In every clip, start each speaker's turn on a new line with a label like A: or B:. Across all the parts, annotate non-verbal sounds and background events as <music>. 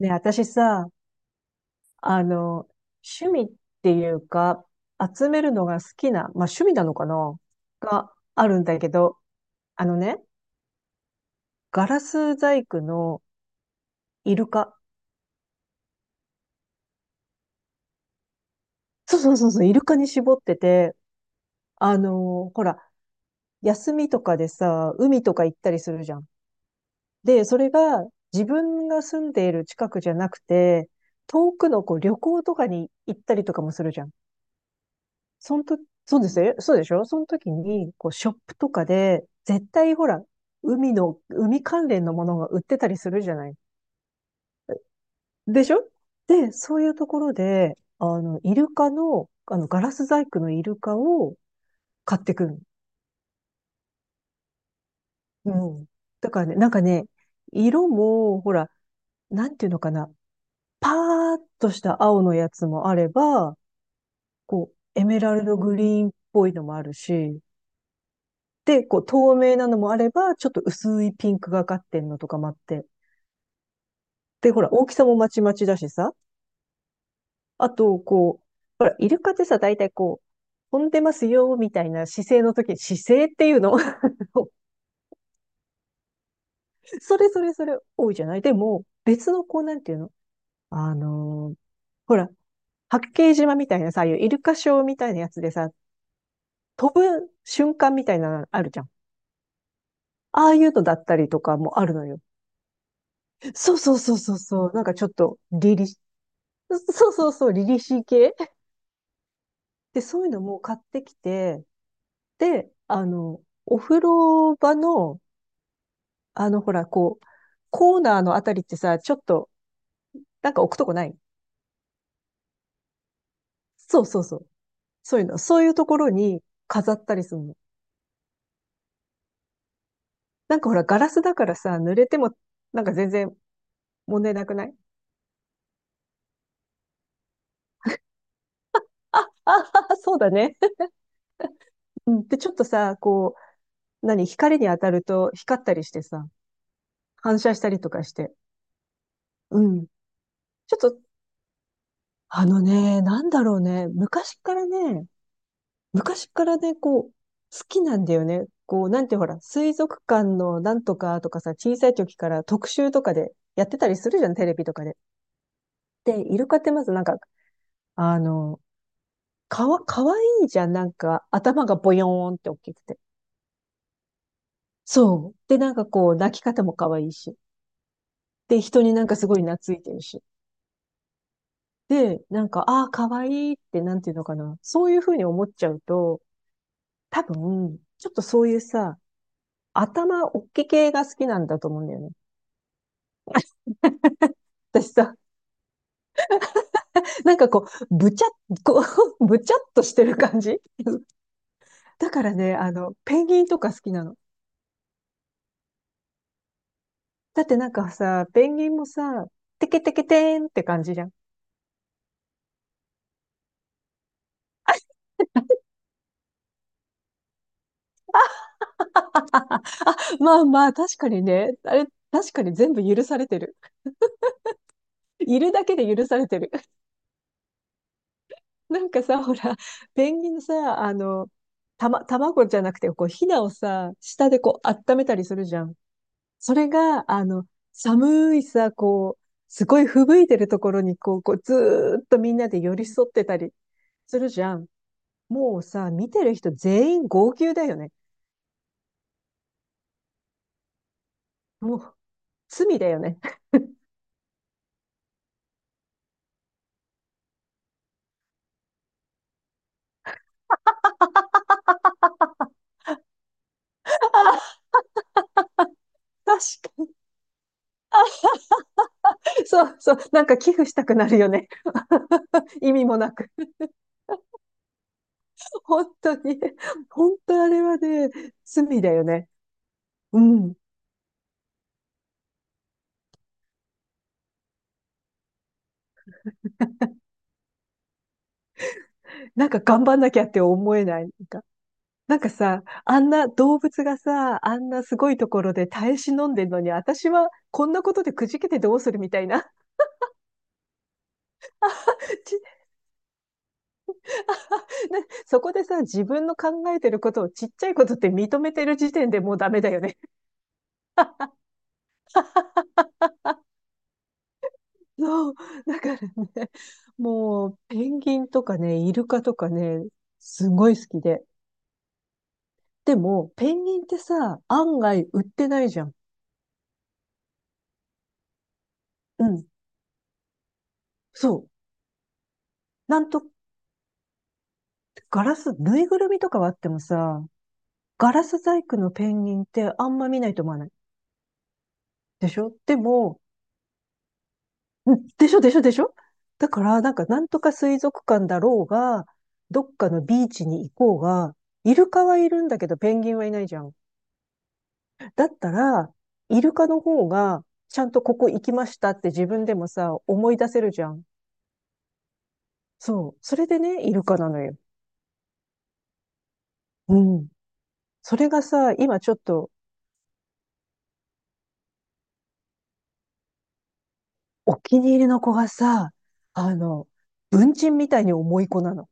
A: ね、私さ、あの、趣味っていうか、集めるのが好きな、まあ趣味なのかながあるんだけど、あのね、ガラス細工のイルカ。そうそうそうそう、イルカに絞ってて、ほら、休みとかでさ、海とか行ったりするじゃん。で、それが自分が住んでいる近くじゃなくて、遠くのこう旅行とかに行ったりとかもするじゃん。そんと、そうですよ。そうでしょ、その時に、こう、ショップとかで、絶対ほら、海の、海関連のものが売ってたりするじゃない。でしょ。で、そういうところで、イルカの、ガラス細工のイルカを買ってくる。うん。だからね、なんかね、色も、ほら、なんていうのかな、パーッとした青のやつもあれば、こう、エメラルドグリーンっぽいのもあるし、で、こう透明なのもあれば、ちょっと薄いピンクがかってんのとかもあって。で、ほら、大きさもまちまちだしさ。あと、こう、ほら、イルカってさ、大体こう、飛んでますよ、みたいな姿勢の時に、姿勢っていうの。 <laughs> それそれそれ多いじゃない。でも、別のこう、なんていうの、あのーほら、八景島みたいなさ、ああいうイルカショーみたいなやつでさ、飛ぶ瞬間みたいなのあるじゃん。ああいうのだったりとかもあるのよ。そうそうそうそうそう。なんかちょっと、凛々、そうそうそう、リリシー系。で、そういうのも買ってきて、で、お風呂場の、ほら、こう、コーナーのあたりってさ、ちょっと、なんか置くとこない。そうそうそう。そういうの。そういうところに飾ったりするの。なんかほら、ガラスだからさ、濡れても、なんか全然問題なくない？あ、あ、<laughs> そうだね。うん。で、ちょっとさ、こう、何、光に当たると光ったりしてさ、反射したりとかして。うん。ちょっとなんだろうね。昔からね、こう、好きなんだよね。こう、なんてほら、水族館のなんとかとかさ、小さい時から特集とかでやってたりするじゃん、テレビとかで。で、イルカってまずなんか、あの、かわいいじゃん、なんか、頭がボヨーンって大きくて。そう。で、なんかこう、泣き方も可愛いし。で、人になんかすごい懐いてるし。で、なんか、ああ、可愛いいって、なんていうのかな。そういうふうに思っちゃうと、多分、ちょっとそういうさ、頭おっきい系が好きなんだと思うんだよね。<laughs> 私さ、なんかこう、ぶちゃっ、こう、<laughs> ぶちゃっとしてる感じ。 <laughs> だからね、ペンギンとか好きなの。だってなんかさ、ペンギンもさ、テケテケテーンって感じじゃん。<laughs> まあまあ、確かにね、あれ、確かに全部許されてる。いるだけで許されてる。<laughs> なんかさ、ほら、ペンギンのさ、卵じゃなくて、こう、ヒナをさ、下でこう、温めたりするじゃん。それが、寒いさ、こう、すごい吹雪いてるところに、こう、こうずーっとみんなで寄り添ってたりするじゃん。もうさ、見てる人全員号泣だよね。もう、罪だよね。<laughs> 確かに。そうそう。なんか寄付したくなるよね。<laughs> 意味もなく。本当に。本当あれはね、罪だよね。うん。なんか頑張んなきゃって思えない？なんかさ、あんな動物がさ、あんなすごいところで耐え忍んでるのに、私はこんなことでくじけてどうするみたいな。<laughs> ちな、そこでさ、自分の考えてることをちっちゃいことって認めてる時点でもうダメだよね。<laughs> そう。だからね、もう、ペンギンとかね、イルカとかね、すごい好きで。でも、ペンギンってさ、案外売ってないじゃん。うん。そう。なんと、ガラス、ぬいぐるみとかはあってもさ、ガラス細工のペンギンってあんま見ないと思わない？でしょ。でも、うん、でしょ、でしょ、でしょ、だから、なんか、なんとか水族館だろうが、どっかのビーチに行こうが、イルカはいるんだけど、ペンギンはいないじゃん。だったら、イルカの方が、ちゃんとここ行きましたって自分でもさ、思い出せるじゃん。そう。それでね、イルカなのよ。うん。それがさ、今ちょっと、お気に入りの子がさ、あの、文鎮みたいに重い子なの。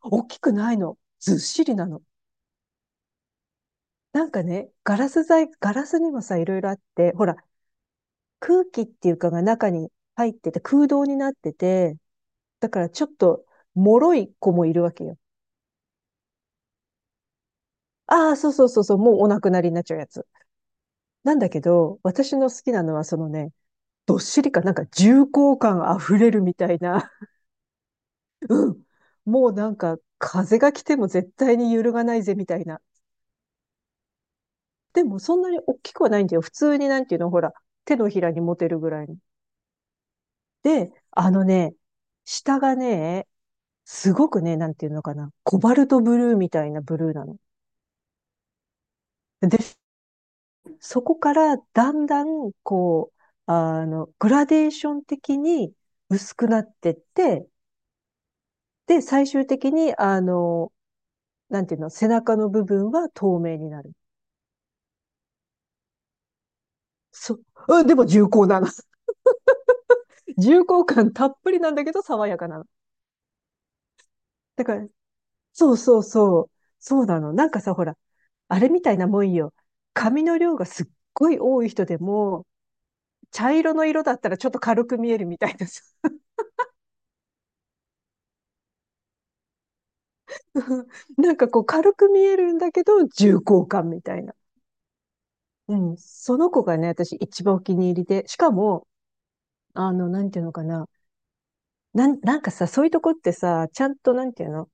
A: 大きくないの。ずっしりなの。なんかね、ガラス材、ガラスにもさ、いろいろあって、ほら、空気っていうかが中に入ってて、空洞になってて、だからちょっと、脆い子もいるわけよ。ああ、そうそうそうそう、もうお亡くなりになっちゃうやつ。なんだけど、私の好きなのはそのね、どっしりかなんか重厚感あふれるみたいな。<laughs> もうなんか風が来ても絶対に揺るがないぜみたいな。でもそんなに大きくはないんだよ。普通になんていうの、ほら、手のひらに持てるぐらいの。で、あのね、下がね、すごくね、なんていうのかな、コバルトブルーみたいなブルーなの。で、そこからだんだん、こう、グラデーション的に薄くなってって、で、最終的に、なんていうの、背中の部分は透明になる。そう、うん、でも重厚なの。<laughs> 重厚感たっぷりなんだけど爽やかなの。だから、そうそうそう。そうなの。なんかさ、ほら、あれみたいなもんよ。髪の量がすっごい多い人でも、茶色の色だったらちょっと軽く見えるみたいなさ。<laughs> なんかこう軽く見えるんだけど、重厚感みたいな。うん。その子がね、私一番お気に入りで。しかも、なんていうのかな。なんかさ、そういうとこってさ、ちゃんとなんていうの、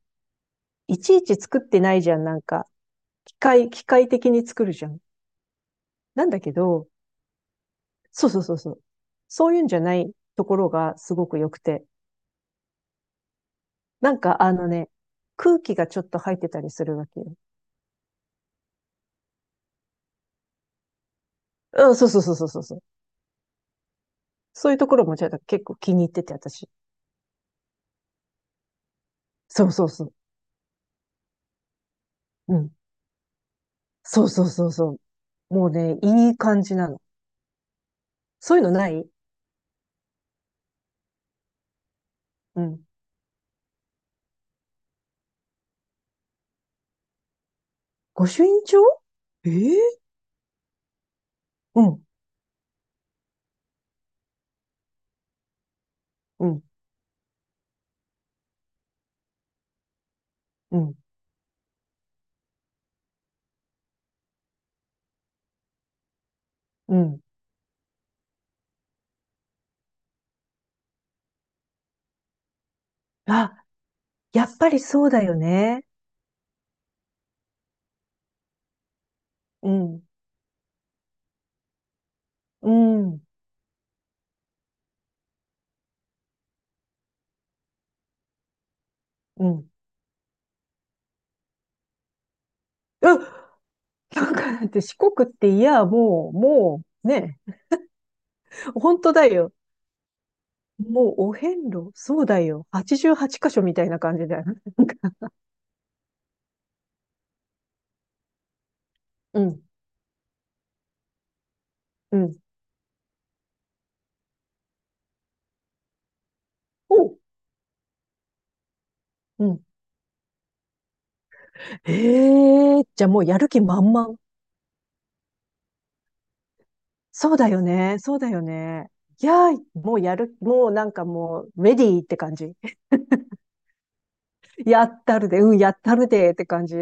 A: いちいち作ってないじゃん。なんか、機械的に作るじゃん。なんだけど、そうそうそうそう。そういうんじゃないところがすごく良くて。なんか空気がちょっと入ってたりするわけよ。うん、そうそうそうそうそうそう。そういうところもちょっと結構気に入ってて、私。そうそうそう。うん。そうそうそうそう。もうね、いい感じなの。そういうのない？うん。御朱印帳。ええ。うん、うん、うん、うん。あ、やっぱりそうだよね。うん、うん、うん。うっ、なんかだって四国っていや、もう、もう、ね、本当だよ。もうお遍路、そうだよ。88箇所みたいな感じだよ。うん、うん。おう。うん。ええ、ーじゃあもうやる気満々。そうだよね。そうだよね。いやー、もうやる、もうなんかもう、レディーって感じ。<laughs> やったるで、うん、やったるでって感じ。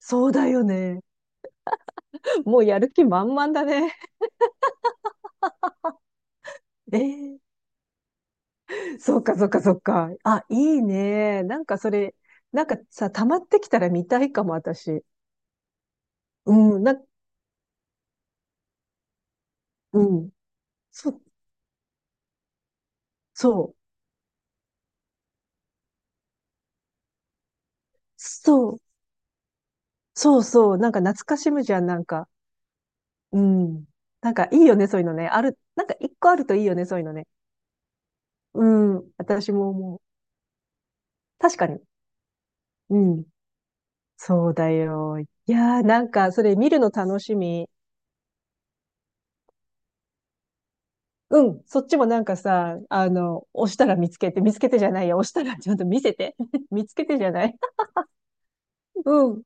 A: そうだよね。もうやる気満々だね。ええ、そうか、そうか、そうか。あ、いいね。なんかそれ、なんかさ、溜まってきたら見たいかも、私。うん、な、うん。そ、そう、そう、そう、そう、なんか懐かしむじゃん、なんか。うん。なんかいいよね、そういうのね。ある、なんか一個あるといいよね、そういうのね。うん、私も思う。確かに。うん。そうだよ。いやー、なんか、それ見るの楽しみ。うん、そっちもなんかさ、押したら見つけて、見つけてじゃないや、押したらちゃんと見せて。<laughs> 見つけてじゃない。うん